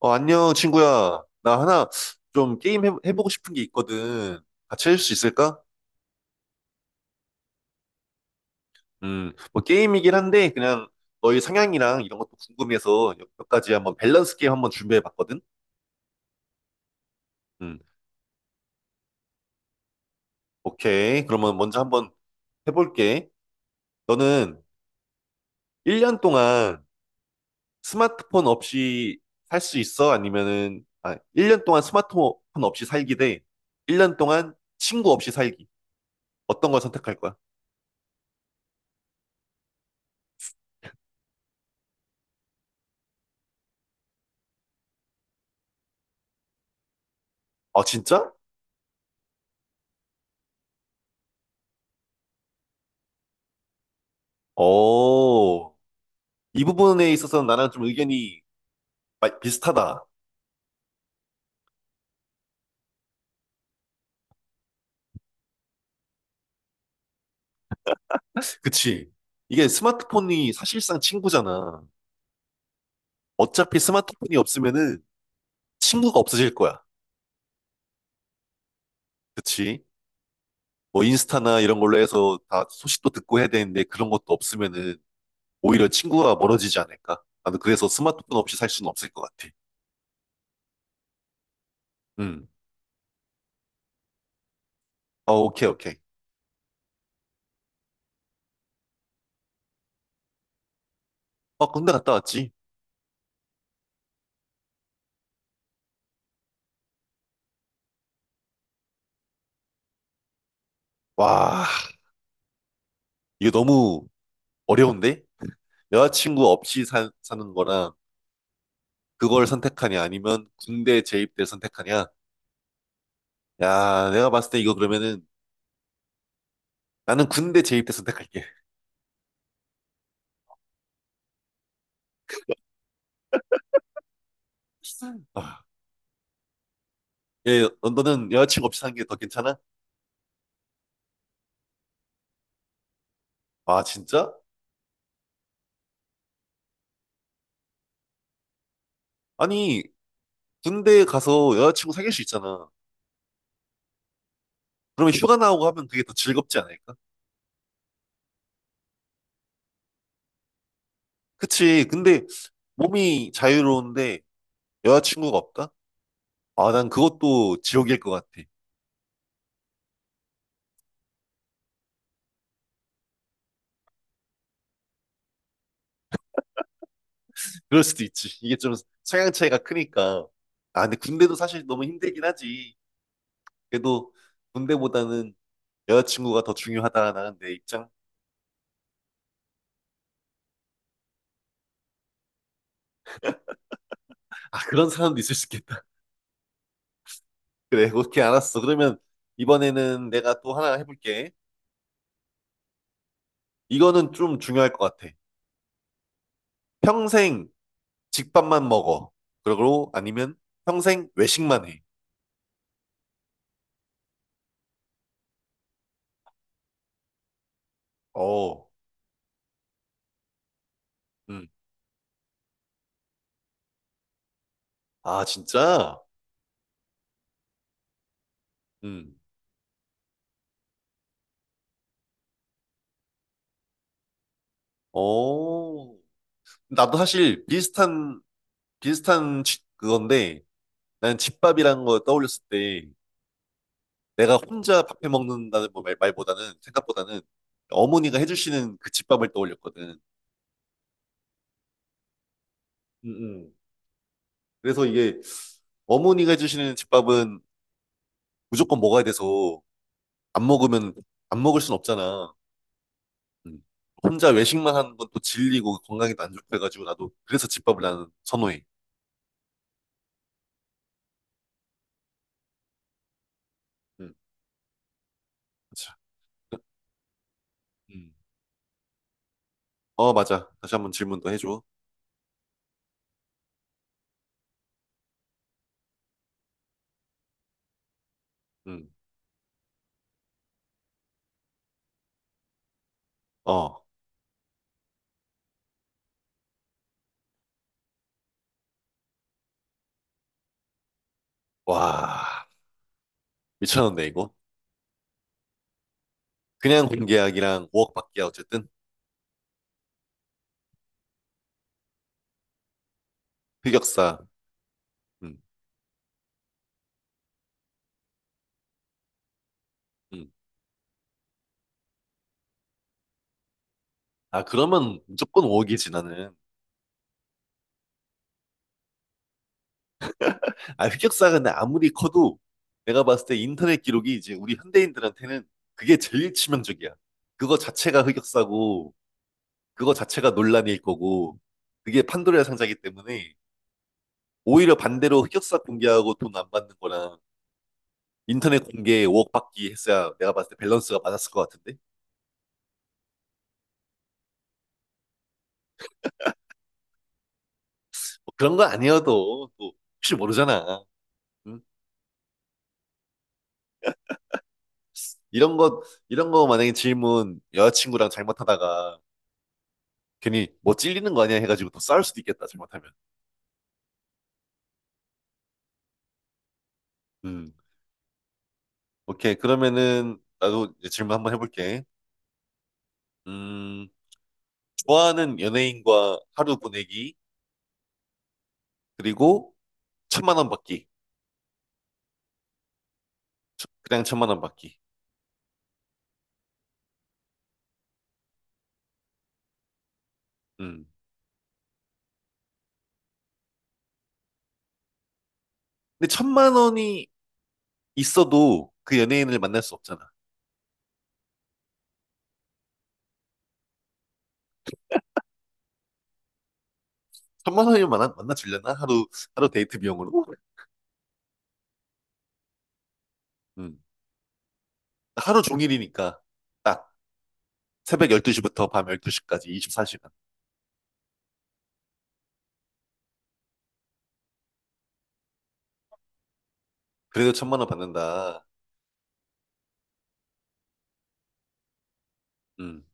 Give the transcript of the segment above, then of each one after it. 안녕, 친구야. 나 하나 좀 게임 해보고 싶은 게 있거든. 같이 할 수 있을까? 뭐 게임이긴 한데, 그냥 너의 성향이랑 이런 것도 궁금해서 몇 가지 한번 밸런스 게임 한번 준비해 봤거든. 음, 오케이. 그러면 먼저 한번 해볼게. 너는 1년 동안 스마트폰 없이 살 수 있어? 아니면은, 아, 1년 동안 스마트폰 없이 살기 대 1년 동안 친구 없이 살기. 어떤 걸 선택할 거야? 아, 진짜? 오. 이 부분에 있어서는 나랑 좀 의견이 비슷하다. 그치. 이게 스마트폰이 사실상 친구잖아. 어차피 스마트폰이 없으면은 친구가 없어질 거야. 그치? 뭐 인스타나 이런 걸로 해서 다 소식도 듣고 해야 되는데 그런 것도 없으면은 오히려 친구가 멀어지지 않을까? 나는 그래서 스마트폰 없이 살 수는 없을 것 같아. 음. 어, 오케이, 오케이. 어, 군대 갔다 왔지? 와, 이게 너무 어려운데? 여자친구 없이 사는 거랑 그걸 선택하냐 아니면 군대 재입대 선택하냐? 야, 내가 봤을 때 이거 그러면은 나는 군대 재입대 선택할게. 아, 예, 너는 여자친구 없이 사는 게 더 괜찮아? 아, 진짜? 아니, 군대 가서 여자친구 사귈 수 있잖아. 그러면 휴가 나오고 하면 그게 더 즐겁지 않을까? 그치. 근데 몸이 자유로운데 여자친구가 없다? 아, 난 그것도 지옥일 것 같아. 그럴 수도 있지. 이게 좀 성향 차이가 크니까. 아, 근데 군대도 사실 너무 힘들긴 하지. 그래도 군대보다는 여자친구가 더 중요하다. 나는 내 입장. 아, 그런 사람도 있을 수 있겠다. 그래, 오케이, 알았어. 그러면 이번에는 내가 또 하나 해볼게. 이거는 좀 중요할 것 같아. 평생 집밥만 먹어. 그러고 아니면 평생 외식만 해. 어, 음. 아, 진짜? 음. 어. 나도 사실 비슷한 그건데, 나는 집밥이라는 걸 떠올렸을 때, 내가 혼자 밥해 먹는다는 뭐 말보다는, 생각보다는 어머니가 해주시는 그 집밥을 떠올렸거든. 응응. 그래서 이게 어머니가 해주시는 집밥은 무조건 먹어야 돼서 안 먹으면 안 먹을 순 없잖아. 음. 혼자 외식만 하는 건 또 질리고 건강에도 안 좋고 해가지고 나도 그래서 집밥을 나는 선호해. 음. 그 음. 어, 맞아. 다시 한번 질문 더 해줘. 음. 어, 와, 미쳤는데 이거. 그냥 공계약이랑 5억 받기야 어쨌든 흑역사. 음. 음. 아, 그러면 무조건 5억이지 나는. 아, 흑역사가 근데 아무리 커도 내가 봤을 때 인터넷 기록이 이제 우리 현대인들한테는 그게 제일 치명적이야. 그거 자체가 흑역사고, 그거 자체가 논란일 거고, 그게 판도라의 상자이기 때문에 오히려 반대로 흑역사 공개하고 돈 안 받는 거랑 인터넷 공개 5억 받기 했어야 내가 봤을 때 밸런스가 맞았을 것 같은데? 뭐 그런 거 아니어도 또 혹시 모르잖아. 응? 이런 거, 이런 거 만약에 질문 여자친구랑 잘못하다가 괜히 뭐 찔리는 거 아니야 해가지고 또 싸울 수도 있겠다, 잘못하면. 음. 오케이. 그러면은 나도 이제 질문 한번 해볼게. 음, 좋아하는 연예인과 하루 보내기, 그리고 천만 원 받기. 그냥 천만 원 받기. 음. 근데 천만 원이 있어도 그 연예인을 만날 수 없잖아. 천만 원이면 만나주려나? 하루 데이트 비용으로? 음. 하루 종일이니까 딱 새벽 12시부터 밤 12시까지 24시간. 그래도 천만 원 받는다. 음.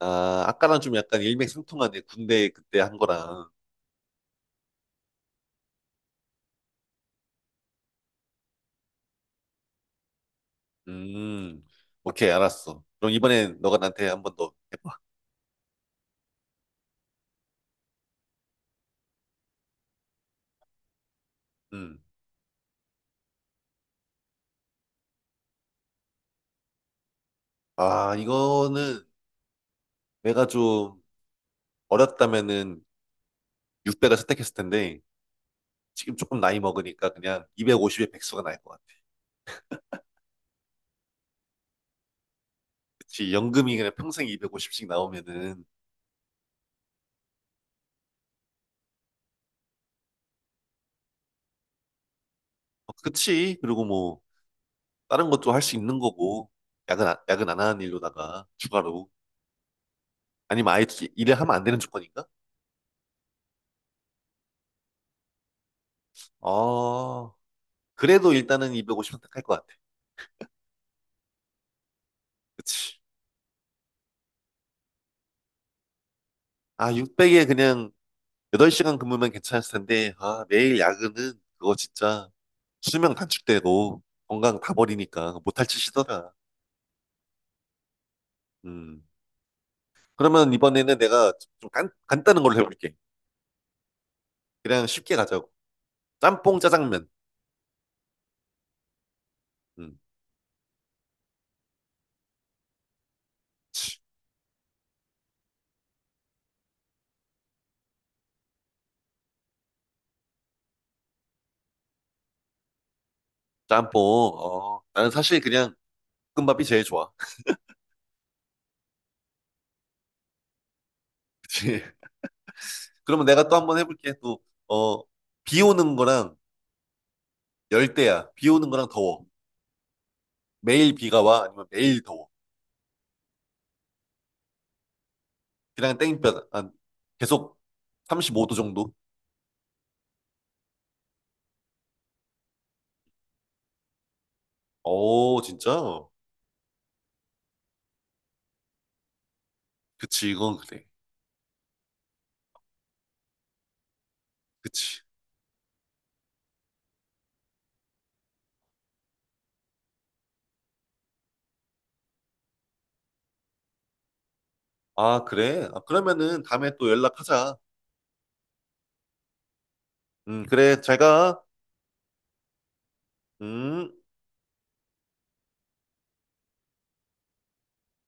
아, 아까랑 좀 약간 일맥상통하네. 군대 그때 한 거랑. 음, 오케이, 알았어. 그럼 이번엔 너가 나한테 한번 더 해봐. 음. 아, 이거는 내가 좀 어렸다면은 6대가 선택했을 텐데, 지금 조금 나이 먹으니까 그냥 250에 백수가 나을 것 같아. 그치, 연금이 그냥 평생 250씩 나오면은, 어, 그치. 그리고 뭐, 다른 것도 할 수 있는 거고, 야근 안 하는 일로다가, 추가로. 아니면 아예 일을 하면 안 되는 조건인가? 어, 그래도 일단은 250 선택할 것 같아. 그치. 아, 600에 그냥 8시간 근무면 괜찮았을 텐데, 아, 매일 야근은 그거 진짜 수명 단축되고 건강 다 버리니까 못할 짓이더라. 음. 그러면 이번에는 내가 좀 간단한 걸로 해볼게. 그냥 쉽게 가자고. 짬뽕 짜장면. 음. 짬뽕. 어, 나는 사실 그냥 볶음밥이 제일 좋아. 그치? 그러면 내가 또 한번 해볼게. 또, 어, 비 오는 거랑 열대야. 비 오는 거랑 더워. 매일 비가 와. 아니면 매일 더워. 그냥 땡볕. 한 계속 35도 정도? 어, 진짜? 그치, 이건 그래. 그치. 아, 그래? 아, 그러면은 다음에 또 연락하자. 그래, 잘 가. 음.